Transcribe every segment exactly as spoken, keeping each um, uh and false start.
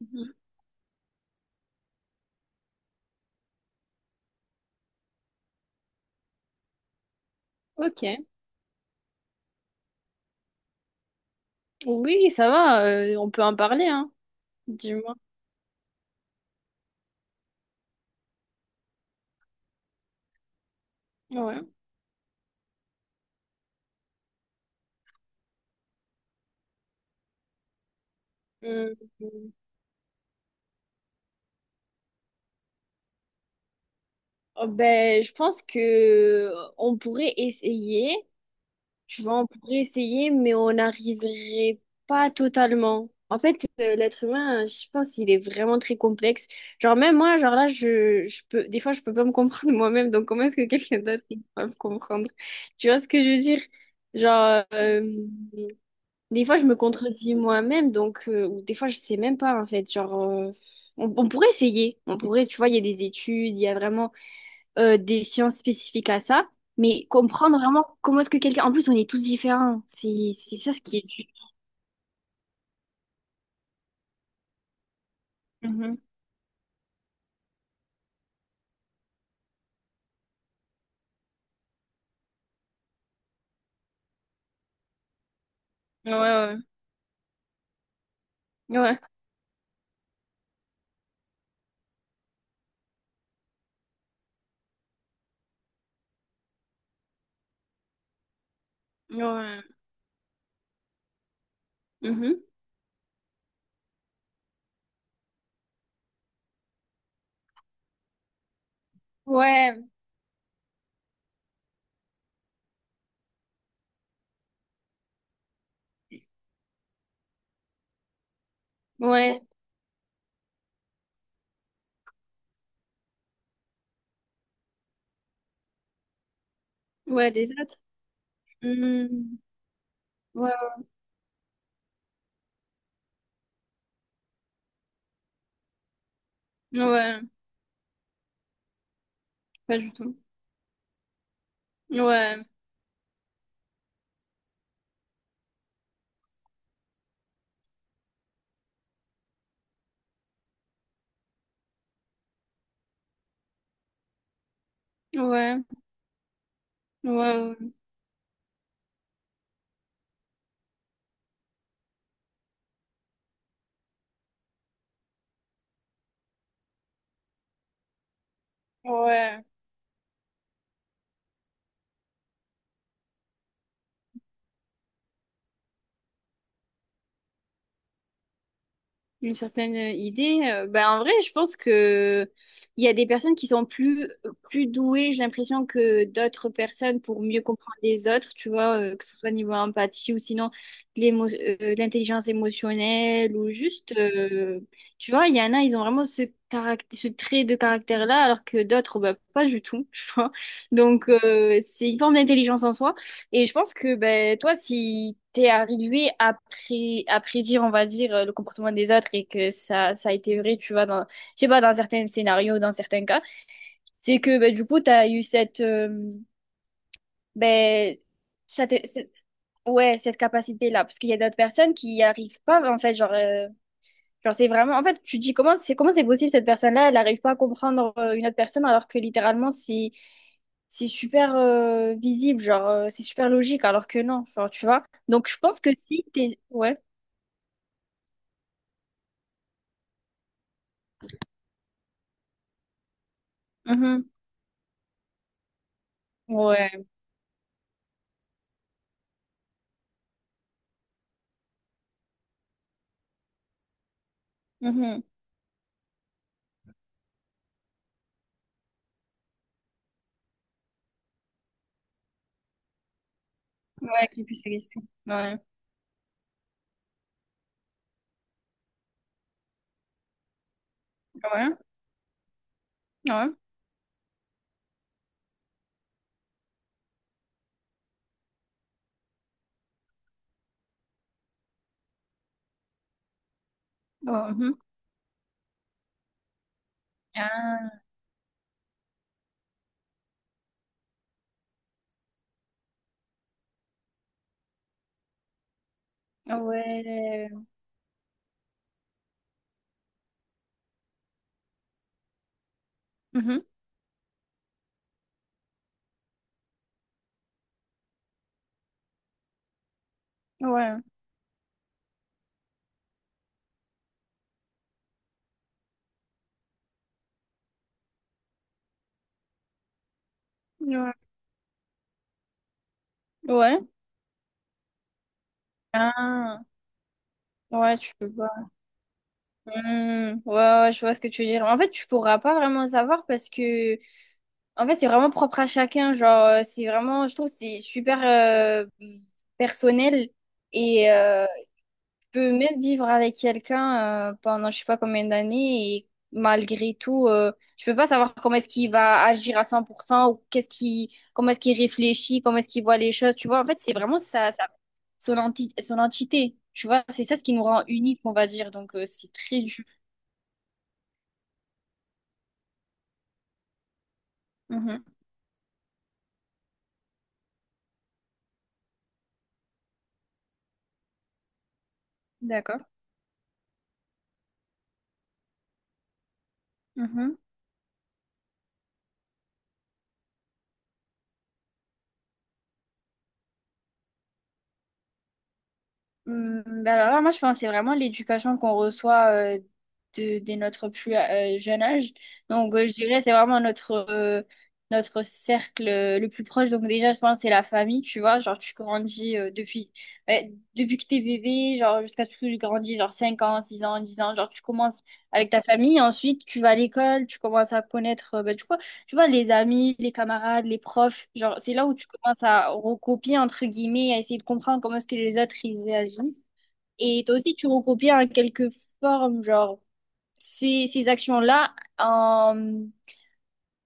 Mhm. Ok. Oui, ça va, euh, on peut en parler, hein. Dis-moi. Ouais. Hum, hum. Oh, ben, je pense que euh, on pourrait essayer. Tu vois, on pourrait essayer, mais on n'arriverait pas totalement. En fait, euh, l'être humain, je pense, il est vraiment très complexe. Genre, même moi, genre là, je, je peux, des fois, je peux pas me comprendre moi-même. Donc, comment est-ce que quelqu'un d'autre il peut me comprendre? Tu vois ce que je veux dire? Genre, euh, Des fois, je me contredis moi-même, donc, euh, ou des fois, je sais même pas, en fait. Genre, euh, on, on pourrait essayer. On pourrait, tu vois, il y a des études, il y a vraiment euh, des sciences spécifiques à ça, mais comprendre vraiment comment est-ce que quelqu'un. En plus, on est tous différents. C'est, c'est ça ce qui est dur. Mhm. Ouais, ouais, ouais, ouais. Mhm. Ouais, ouais, ouais, des autres. Mhm. Ouais, ouais, pas du tout. Ouais, ouais, ouais, ouais. Ouais. Une certaine euh, idée. Euh, ben, en vrai, je pense que il y a des personnes qui sont plus, euh, plus douées, j'ai l'impression, que d'autres personnes pour mieux comprendre les autres, tu vois, euh, que ce soit niveau empathie ou sinon de l'émo- euh, de l'intelligence émotionnelle ou juste, euh, tu vois, il y en a, ils ont vraiment ce caractère, ce trait de caractère-là, alors que d'autres, bah pas du tout, tu vois. Donc, euh, c'est une forme d'intelligence en soi. Et je pense que ben, toi, si t'es arrivé à, pré à prédire, on va dire, euh, le comportement des autres et que ça, ça a été vrai, tu vois, dans, je sais pas, dans certains scénarios, dans certains cas, c'est que ben, du coup, t'as eu cette, euh, ben, ça t'est- c'est- ouais, cette capacité-là. Parce qu'il y a d'autres personnes qui n'y arrivent pas, en fait, genre, euh, Genre, c'est vraiment. En fait, tu te dis comment c'est comment c'est possible cette personne-là, elle n'arrive pas à comprendre euh, une autre personne alors que littéralement c'est c'est super euh, visible, genre euh, c'est super logique alors que non, genre tu vois. Donc je pense que si t'es ouais, Mhm. Ouais, Mhm. Ouais, qu'il puisse exister, ouais, ouais, ouais, Oh, mhm. Ah, ouais, Mhm. Ouais, ouais, ouais, ah, ouais, tu peux pas. Hmm, ouais, ouais, je vois ce que tu veux dire. En fait, tu pourras pas vraiment savoir parce que En fait, c'est vraiment propre à chacun. Genre, euh, c'est vraiment, je trouve, que c'est super euh, personnel et euh, tu peux même vivre avec quelqu'un euh, pendant je sais pas combien d'années et malgré tout, euh, tu peux pas savoir comment est-ce qu'il va agir à cent pour cent ou qu'est-ce qui, comment est-ce qu'il réfléchit, comment est-ce qu'il voit les choses. Tu vois, en fait, c'est vraiment ça, ça, son enti- son entité. Tu vois, c'est ça ce qui nous rend unique, on va dire. Donc, euh, c'est très dur. Mhm. D'accord. Hum, ben alors là, moi, je pense que c'est vraiment l'éducation qu'on reçoit euh, de, dès notre plus euh, jeune âge. Donc, euh, je dirais c'est vraiment notre, euh, notre cercle euh, le plus proche. Donc, déjà, je pense que c'est la famille, tu vois. Genre, tu grandis euh, depuis, ouais, depuis que t'es bébé, genre, jusqu'à ce que tu grandis, genre cinq ans, six ans, dix ans. Genre, tu commences avec ta famille. Ensuite, tu vas à l'école, tu commences à connaître, euh, ben, du coup, tu vois, les amis, les camarades, les profs, genre, c'est là où tu commences à recopier, entre guillemets, à essayer de comprendre comment est-ce que les autres, ils agissent. Et toi aussi, tu recopies en quelque forme, genre, ces, ces actions-là en-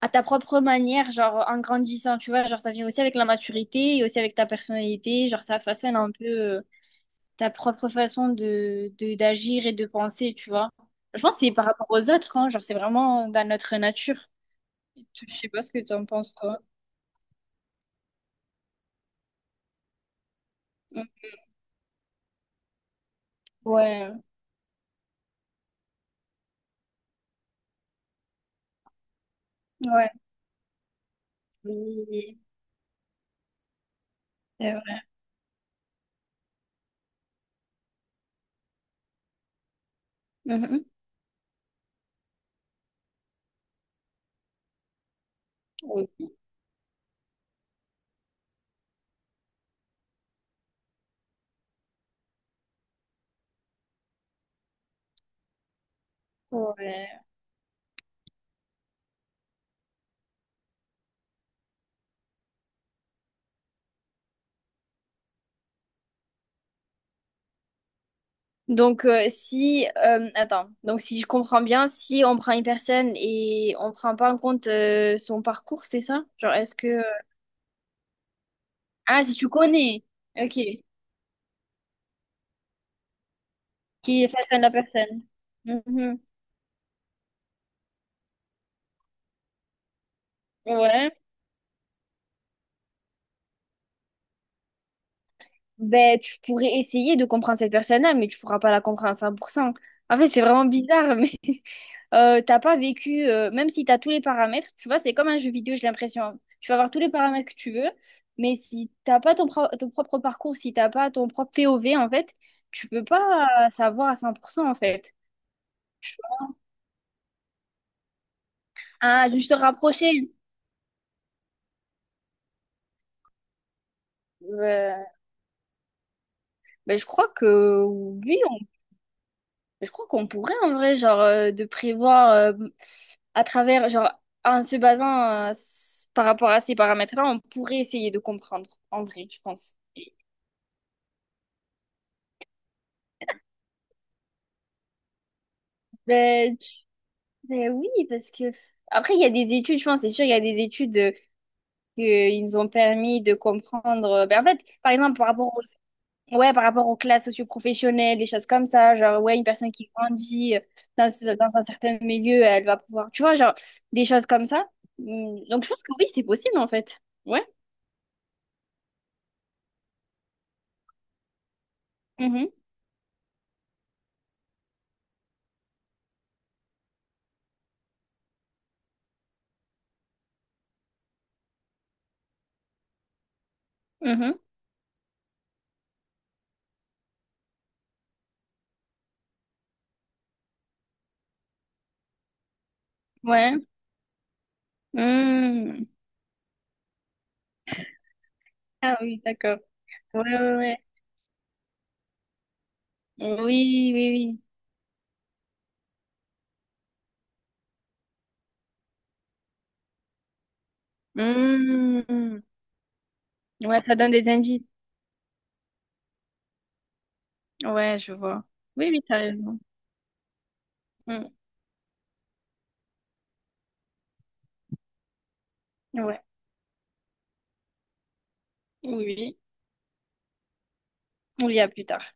à ta propre manière, genre, en grandissant, tu vois, genre, ça vient aussi avec la maturité et aussi avec ta personnalité, genre, ça façonne un peu euh, ta propre façon de, de, d'agir et de penser, tu vois. Je pense que c'est par rapport aux autres, hein, genre, c'est vraiment dans notre nature. Je sais pas ce que tu en penses, toi. Ouais, ouais, oui, c'est vrai. Mhm. Oui. Ouais. Donc, euh, si, euh, attends, donc si je comprends bien, si on prend une personne et on prend pas en compte euh, son parcours, c'est ça? Genre, est-ce que... euh, Ah, si tu connais, ok, qui est face à la personne. Mhm. Ouais, ben tu pourrais essayer de comprendre cette personne-là, mais tu pourras pas la comprendre à cent pour cent. En fait, c'est vraiment bizarre, mais... euh, t'as pas vécu, euh, même si t'as tous les paramètres, tu vois, c'est comme un jeu vidéo, j'ai l'impression. Hein. Tu vas avoir tous les paramètres que tu veux, mais si t'as pas ton, pro- ton propre parcours, si t'as pas ton propre P O V, en fait, tu peux pas savoir à cent pour cent, en fait. Ah, juste se rapprocher. Euh, ben, je crois que oui, on- je crois qu'on pourrait en vrai, genre, euh, de prévoir euh, à travers, genre, en se basant euh, s- par rapport à ces paramètres-là, on pourrait essayer de comprendre, en vrai, je pense. Ben, Ben oui, parce que après, il y a des études, je pense, c'est sûr, il y a des études euh, que ils nous ont permis de comprendre. Euh, ben, en fait, par exemple, par rapport aux, ouais, par rapport aux classes socioprofessionnelles, des choses comme ça, genre, ouais, une personne qui grandit euh, dans, ce- dans un certain milieu, elle va pouvoir, tu vois, genre, des choses comme ça. Mm, donc, je pense que oui, c'est possible, en fait. Ouais. Mhm. Mhm. Ouais. Mm. Ah oui, d'accord. Ouais, ouais, ouais. Oui, oui, oui. Mm. Ouais, ça donne des indices. Ouais, je vois. Oui, oui, t'as raison. Mm. Ouais, oui, oui. On y a plus tard.